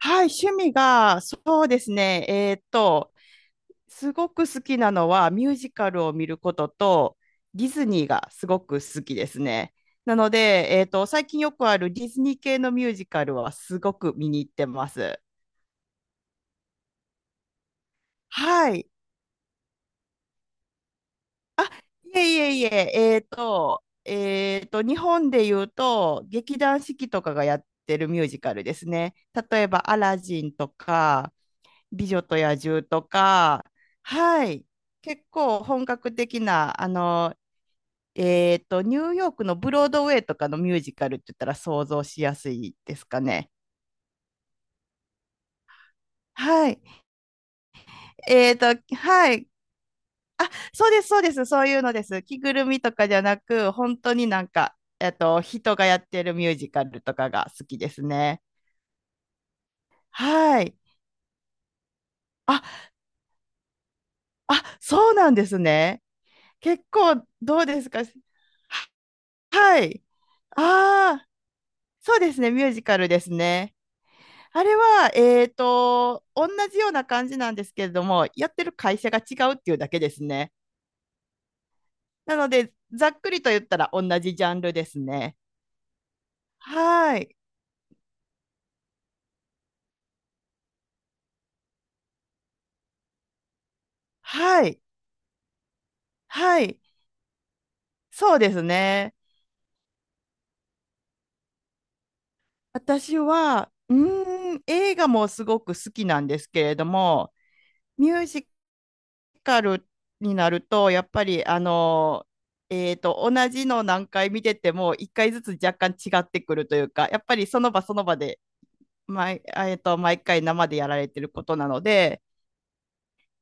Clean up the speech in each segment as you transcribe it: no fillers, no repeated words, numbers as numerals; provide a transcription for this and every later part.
はい、趣味が、そうですね、すごく好きなのはミュージカルを見ることと、ディズニーがすごく好きですね。なので、最近よくあるディズニー系のミュージカルはすごく見に行ってます。はい。いえいえいえ、日本で言うと、劇団四季とかがやってるミュージカルですね。例えば、アラジンとか、美女と野獣とか、はい、結構本格的な、あの、ニューヨークのブロードウェイとかのミュージカルって言ったら想像しやすいですかね。はい。えっと、はい。あ、そうです、そうです。そういうのです。着ぐるみとかじゃなく、本当になんか、人がやってるミュージカルとかが好きですね。はい。あ、あ、そうなんですね。結構、どうですか？ははい。ああ、そうですね、ミュージカルですね。あれは、同じような感じなんですけれども、やってる会社が違うっていうだけですね。なので、ざっくりと言ったら同じジャンルですね。はい。はい。はい。そうですね。私は、うーん、映画もすごく好きなんですけれども、ミュージカルになると、やっぱり、あの、同じの何回見てても、一回ずつ若干違ってくるというか、やっぱりその場その場で、毎、あえっと、毎回生でやられてることなので、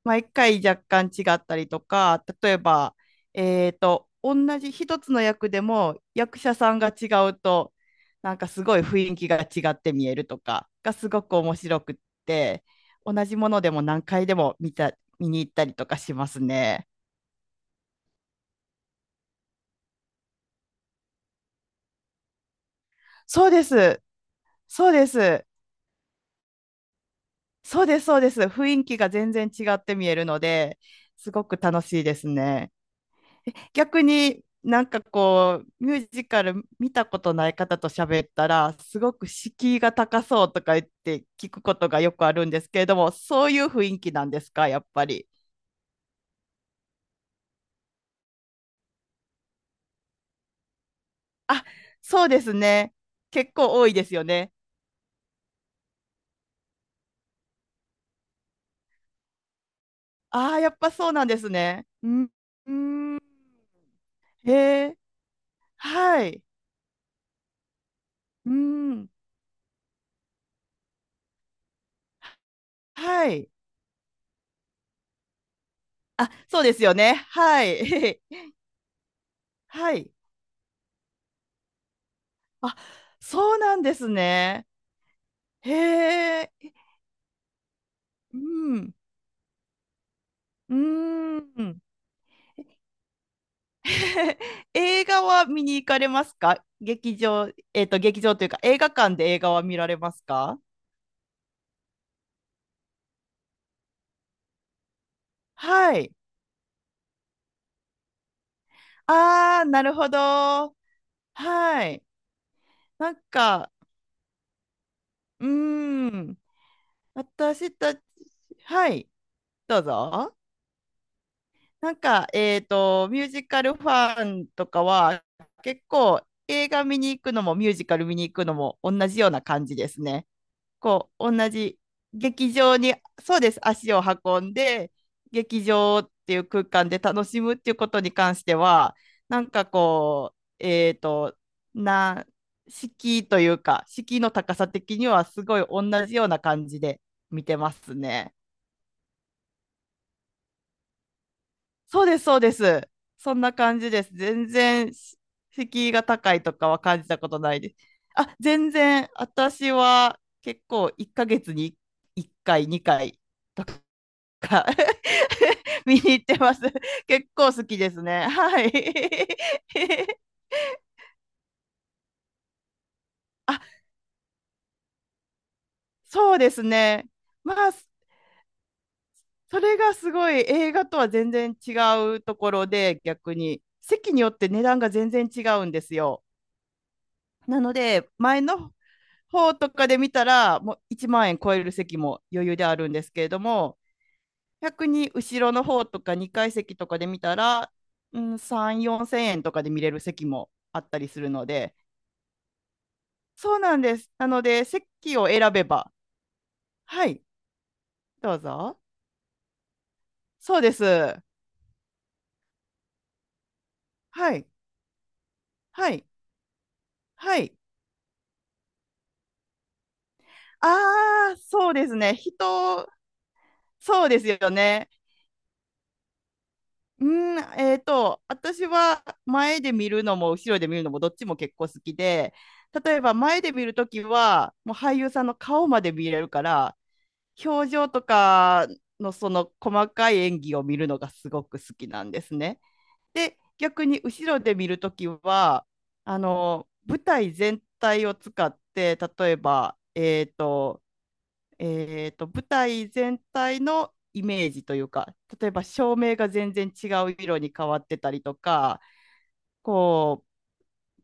毎回若干違ったりとか、例えば、同じ一つの役でも役者さんが違うと、なんかすごい雰囲気が違って見えるとかがすごく面白くって、同じものでも何回でも見た、見に行ったりとかしますね。そうです。そうです。そうです。そうです。雰囲気が全然違って見えるので、すごく楽しいですね。逆になんかこう、ミュージカル見たことない方と喋ったら、すごく敷居が高そうとか言って聞くことがよくあるんですけれども、そういう雰囲気なんですか、やっぱり。あ、そうですね。結構多いですよね。ああ、やっぱそうなんですね。うん。うん。へえ、はい。うん。はい。あ、そうですよね。はい。はい。あ、そうなんですね。へえ。うん。うーん。映画は見に行かれますか？劇場、劇場というか、映画館で映画は見られますか？はい。ああ、なるほど。はい。なんか、うーん。私たち、はい。どうぞ。なんか、ミュージカルファンとかは、結構映画見に行くのもミュージカル見に行くのも同じような感じですね。こう、同じ劇場に、そうです、足を運んで、劇場っていう空間で楽しむっていうことに関しては、なんかこう、な、敷居というか、敷居の高さ的にはすごい同じような感じで見てますね。そうです、そうです。そんな感じです。全然、し敷居が高いとかは感じたことないです。あ、全然、私は結構1ヶ月に1回、2回 見に行ってます。結構好きですね。はい。あ、そうですね。まあ、それがすごい映画とは全然違うところで、逆に。席によって値段が全然違うんですよ。なので、前の方とかで見たら、もう1万円超える席も余裕であるんですけれども、逆に後ろの方とか2階席とかで見たら、うん、3、4千円とかで見れる席もあったりするので、そうなんです。なので、席を選べば、はい、どうぞ。そうです。はい、はい、はい。ああ、そうですね。人、そうですよね。うーん、私は前で見るのも後ろで見るのもどっちも結構好きで、例えば前で見るときは、もう俳優さんの顔まで見れるから、表情とかのその細かい演技を見るのがすごく好きなんですね。で、逆に後ろで見るときは、あの、舞台全体を使って、例えば、舞台全体のイメージというか、例えば照明が全然違う色に変わってたりとか、こ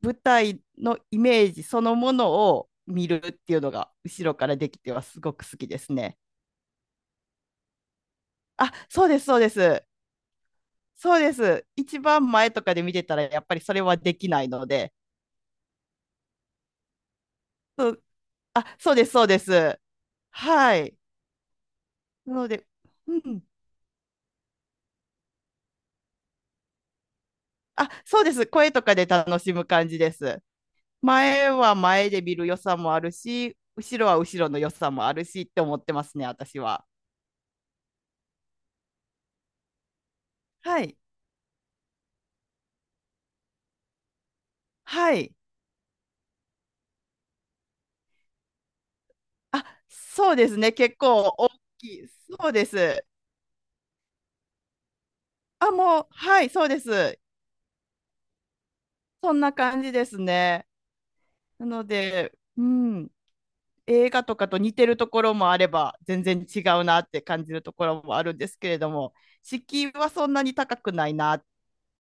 う、舞台のイメージそのものを見るっていうのが後ろからできてはすごく好きですね。あ、そうです、そうです。そうです。一番前とかで見てたらやっぱりそれはできないので。そうあ、そうです、そうです。はい。なので、うん。あ、そうです。声とかで楽しむ感じです。前は前で見る良さもあるし、後ろは後ろの良さもあるしって思ってますね、私は。はい。はい。あ、そうですね。結構大きい。そうです。あ、もう、はい、そうです。そんな感じですね。なので、うん、映画とかと似てるところもあれば、全然違うなって感じるところもあるんですけれども、敷居はそんなに高くないなっ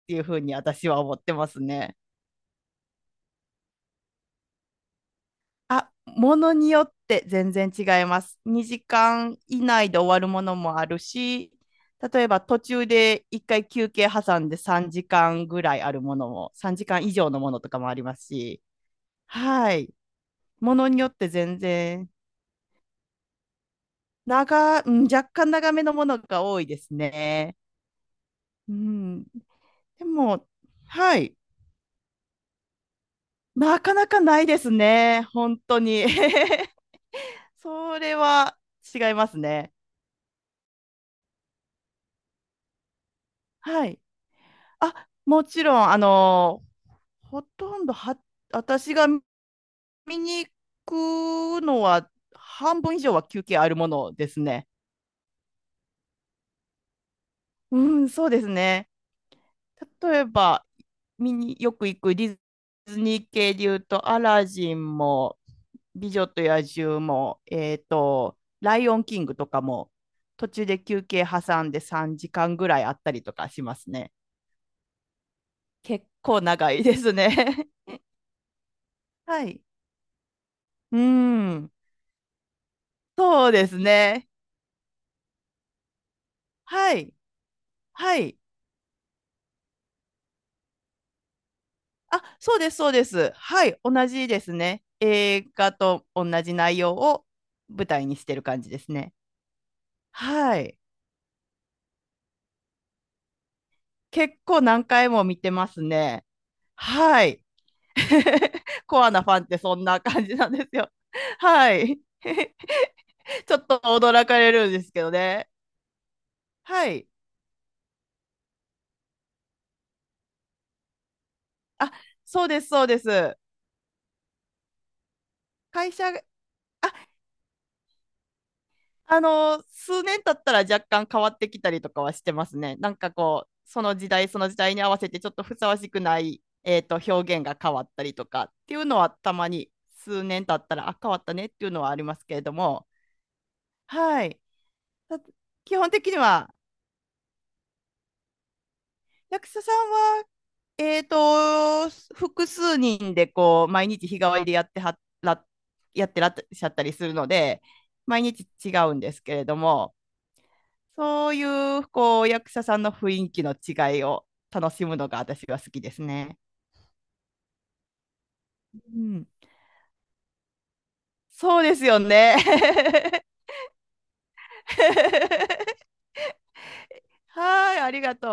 ていうふうに私は思ってますね。あ、ものによって全然違います。2時間以内で終わるものもあるし、例えば途中で1回休憩挟んで3時間ぐらいあるものも、3時間以上のものとかもありますし、はい。ものによって全然、うん、若干長めのものが多いですね。うん。でも、はい。なかなかないですね。本当に。それは違いますね。はい。あ、もちろん、あの、ほとんどは、私が見に行くのは、半分以上は休憩あるものですね。うん、そうですね。例えば、見によく行くディズニー系で言うと、アラジンも、美女と野獣も、ライオンキングとかも、途中で休憩挟んで3時間ぐらいあったりとかしますね。結構長いですね。はい。うん。そうですね。はい。はい。あ、そうです、そうです。はい。同じですね。映画と同じ内容を舞台にしてる感じですね。はい。結構何回も見てますね。はい。コアなファンってそんな感じなんですよ。はい。ちょっと驚かれるんですけどね。はい。あ、そうです、そうです。会社、あ、あの、数年経ったら若干変わってきたりとかはしてますね。なんかこう、その時代その時代に合わせてちょっとふさわしくない、表現が変わったりとかっていうのはたまに数年経ったら、あ、変わったねっていうのはありますけれども、はい。だ基本的には、役者さんは、えーと、複数人でこう、毎日日替わりでやってらっしゃったりするので、毎日違うんですけれども、そういうこう役者さんの雰囲気の違いを楽しむのが私は好きですね。うん、そうですよね。はい、ありがとう。